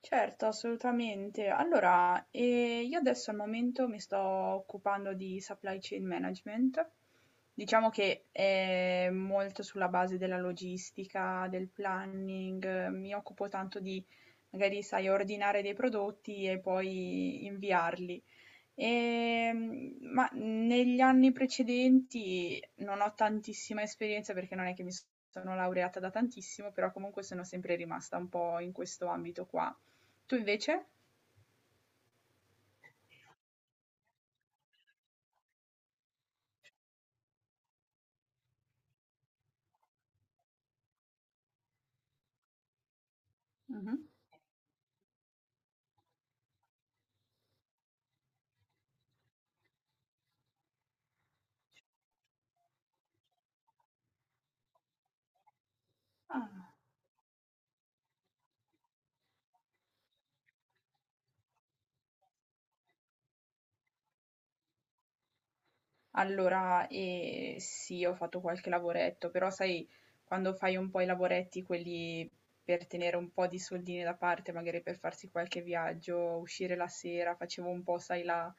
Certo, assolutamente. Allora, io adesso al momento mi sto occupando di supply chain management. Diciamo che è molto sulla base della logistica, del planning, mi occupo tanto di, magari, sai, ordinare dei prodotti e poi inviarli. Ma negli anni precedenti non ho tantissima esperienza perché non è che mi sono laureata da tantissimo, però comunque sono sempre rimasta un po' in questo ambito qua. Tu invece? Mh-mh. Ah. Allora, sì, ho fatto qualche lavoretto, però sai quando fai un po' i lavoretti quelli per tenere un po' di soldini da parte, magari per farsi qualche viaggio, uscire la sera, facevo un po', sai, la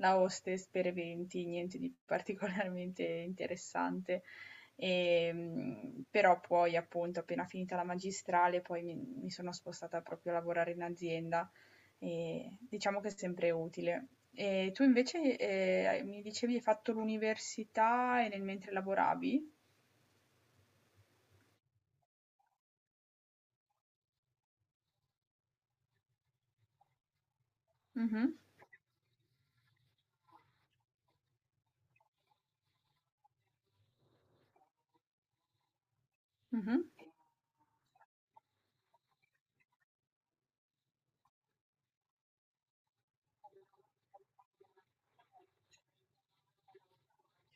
la hostess per eventi, niente di particolarmente interessante. Però poi appunto appena finita la magistrale poi mi sono spostata proprio a lavorare in azienda e diciamo che è sempre utile. E tu invece, mi dicevi hai fatto l'università e nel mentre lavoravi? Mh-mh, mh-mh,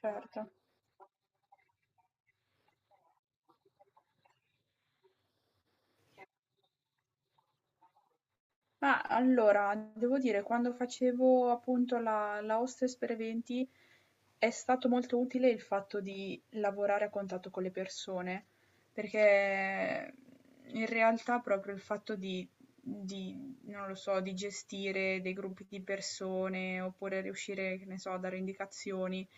certo. Ma allora, devo dire, quando facevo appunto la hostess per eventi, è stato molto utile il fatto di lavorare a contatto con le persone, perché in realtà proprio il fatto di non lo so, di gestire dei gruppi di persone oppure riuscire, che ne so, a dare indicazioni,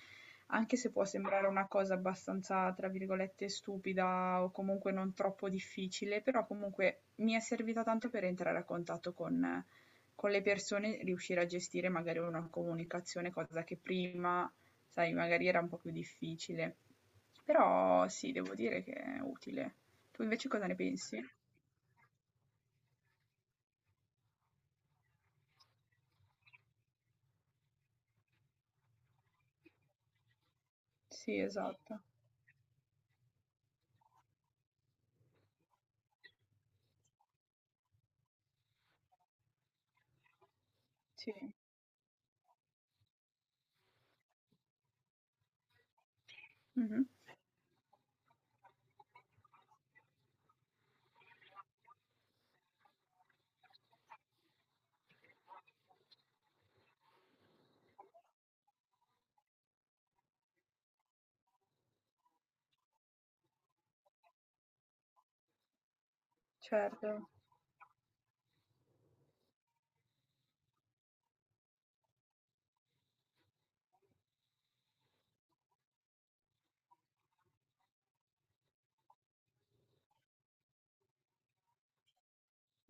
anche se può sembrare una cosa abbastanza, tra virgolette, stupida o comunque non troppo difficile, però comunque mi è servita tanto per entrare a contatto con le persone, riuscire a gestire magari una comunicazione, cosa che prima, sai, magari era un po' più difficile. Però sì, devo dire che è utile. Tu invece cosa ne pensi? Sì, esatto. Sì. Mhm. Certo.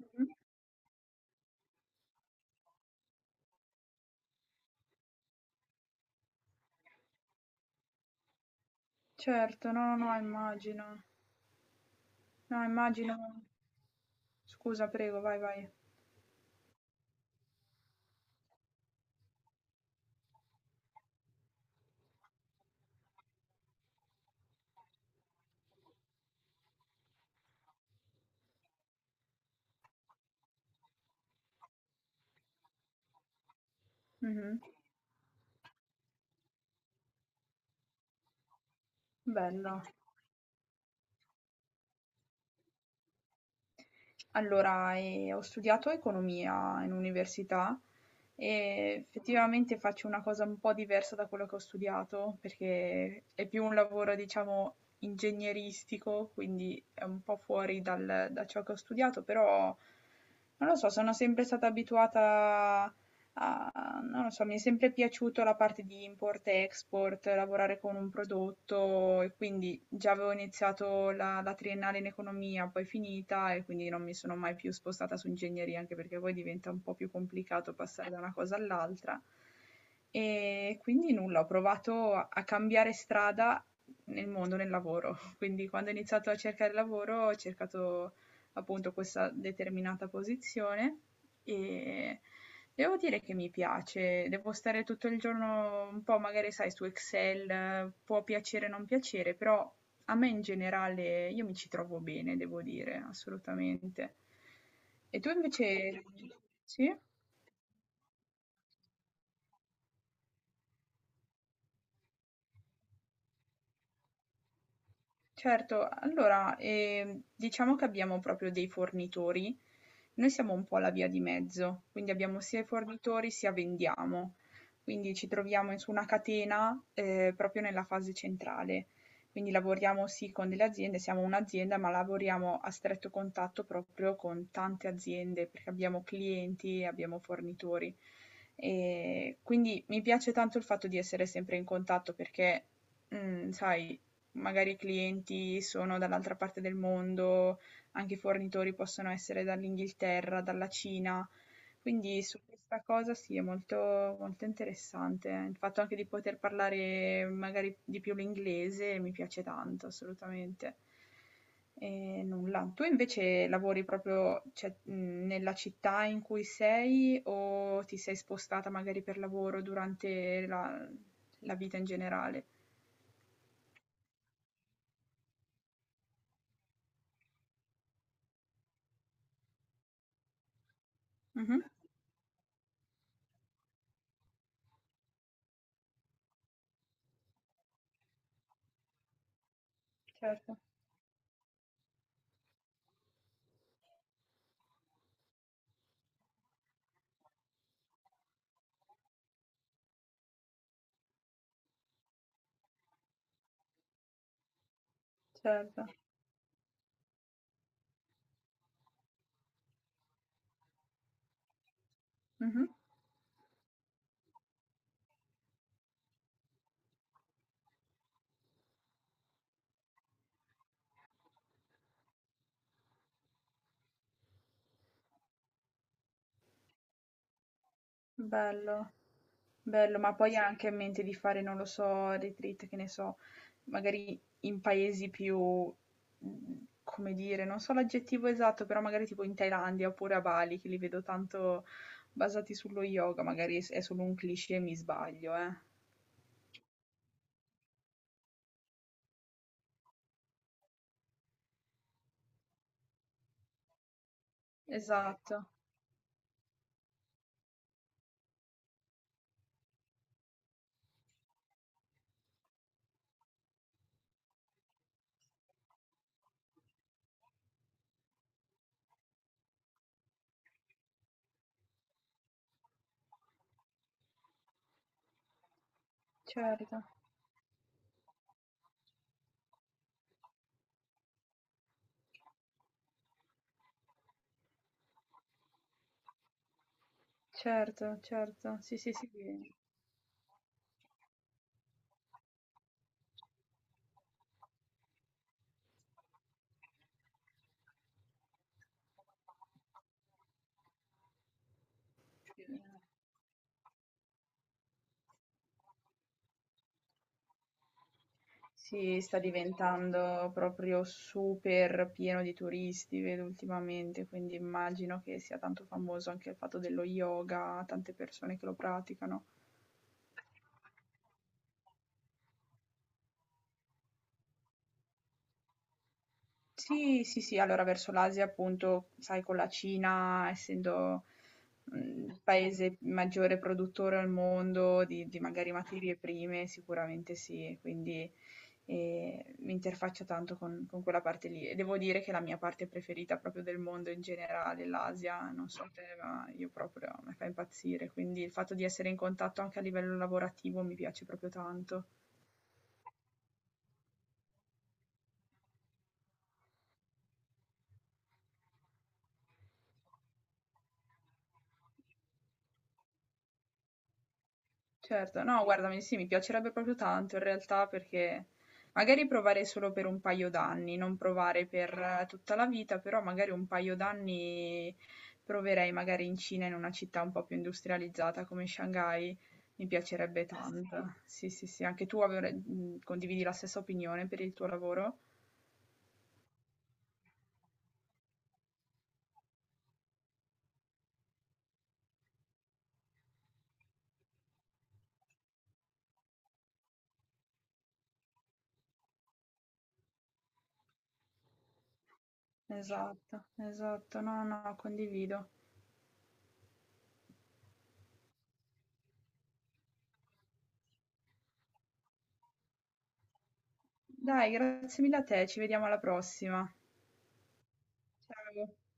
Mh-mh. Certo, no, no, no, immagino. No, immagino, scusa, prego, vai, vai. Mh-mh. Bello. Allora, ho studiato economia in università e effettivamente faccio una cosa un po' diversa da quello che ho studiato, perché è più un lavoro, diciamo, ingegneristico, quindi è un po' fuori dal da ciò che ho studiato, però non lo so, sono sempre stata abituata a non lo so, mi è sempre piaciuto la parte di import-export, lavorare con un prodotto e quindi già avevo iniziato la, la triennale in economia, poi finita e quindi non mi sono mai più spostata su ingegneria, anche perché poi diventa un po' più complicato passare da una cosa all'altra. E quindi nulla, ho provato a cambiare strada nel mondo, nel lavoro. Quindi quando ho iniziato a cercare lavoro ho cercato appunto questa determinata posizione e devo dire che mi piace, devo stare tutto il giorno un po' magari sai su Excel, può piacere o non piacere, però a me in generale io mi ci trovo bene, devo dire, assolutamente. E tu invece sì? Certo, allora, diciamo che abbiamo proprio dei fornitori. Noi siamo un po' la via di mezzo, quindi abbiamo sia i fornitori sia vendiamo. Quindi ci troviamo in- su una catena proprio nella fase centrale. Quindi lavoriamo sì con delle aziende, siamo un'azienda, ma lavoriamo a stretto contatto proprio con tante aziende perché abbiamo clienti, abbiamo fornitori. E quindi mi piace tanto il fatto di essere sempre in contatto perché, sai, magari i clienti sono dall'altra parte del mondo, anche i fornitori possono essere dall'Inghilterra, dalla Cina. Quindi su questa cosa sì, è molto, molto interessante. Il fatto anche di poter parlare magari di più l'inglese mi piace tanto, assolutamente. E nulla. Tu invece lavori proprio, cioè, nella città in cui sei o ti sei spostata magari per lavoro durante la, la vita in generale? Mhm. Certo. Certo. Mh-mh. Bello. Bello, ma poi ha anche in mente di fare, non lo so, retreat, che ne so, magari in paesi più, come dire, non so l'aggettivo esatto, però magari tipo in Thailandia oppure a Bali, che li vedo tanto basati sullo yoga, magari s è solo un cliché e mi sbaglio, eh. Esatto, certo, certo, certo. Sì, sì, sì. Sì. Sì, sta diventando proprio super pieno di turisti, vedo ultimamente, quindi immagino che sia tanto famoso anche il fatto dello yoga, tante persone che lo praticano. Sì, sì, sì, allora verso l'Asia appunto, sai, con la Cina, essendo il paese maggiore produttore al mondo di magari materie prime, sicuramente sì, quindi, mi interfaccio tanto con quella parte lì e devo dire che è la mia parte preferita proprio del mondo in generale, l'Asia, non so te, ma io proprio mi fa impazzire, quindi il fatto di essere in contatto anche a livello lavorativo mi piace proprio tanto. Certo, no guarda, mi sì, mi piacerebbe proprio tanto in realtà perché magari provare solo per un paio d'anni, non provare per tutta la vita, però magari un paio d'anni proverei magari in Cina, in una città un po' più industrializzata come Shanghai, mi piacerebbe Eh sì. tanto. Sì, sì, sì, anche tu avre- condividi la stessa opinione per il tuo lavoro? Esatto, esatto, no, no, condivido. Dai, grazie mille a te, ci vediamo alla prossima. Ciao.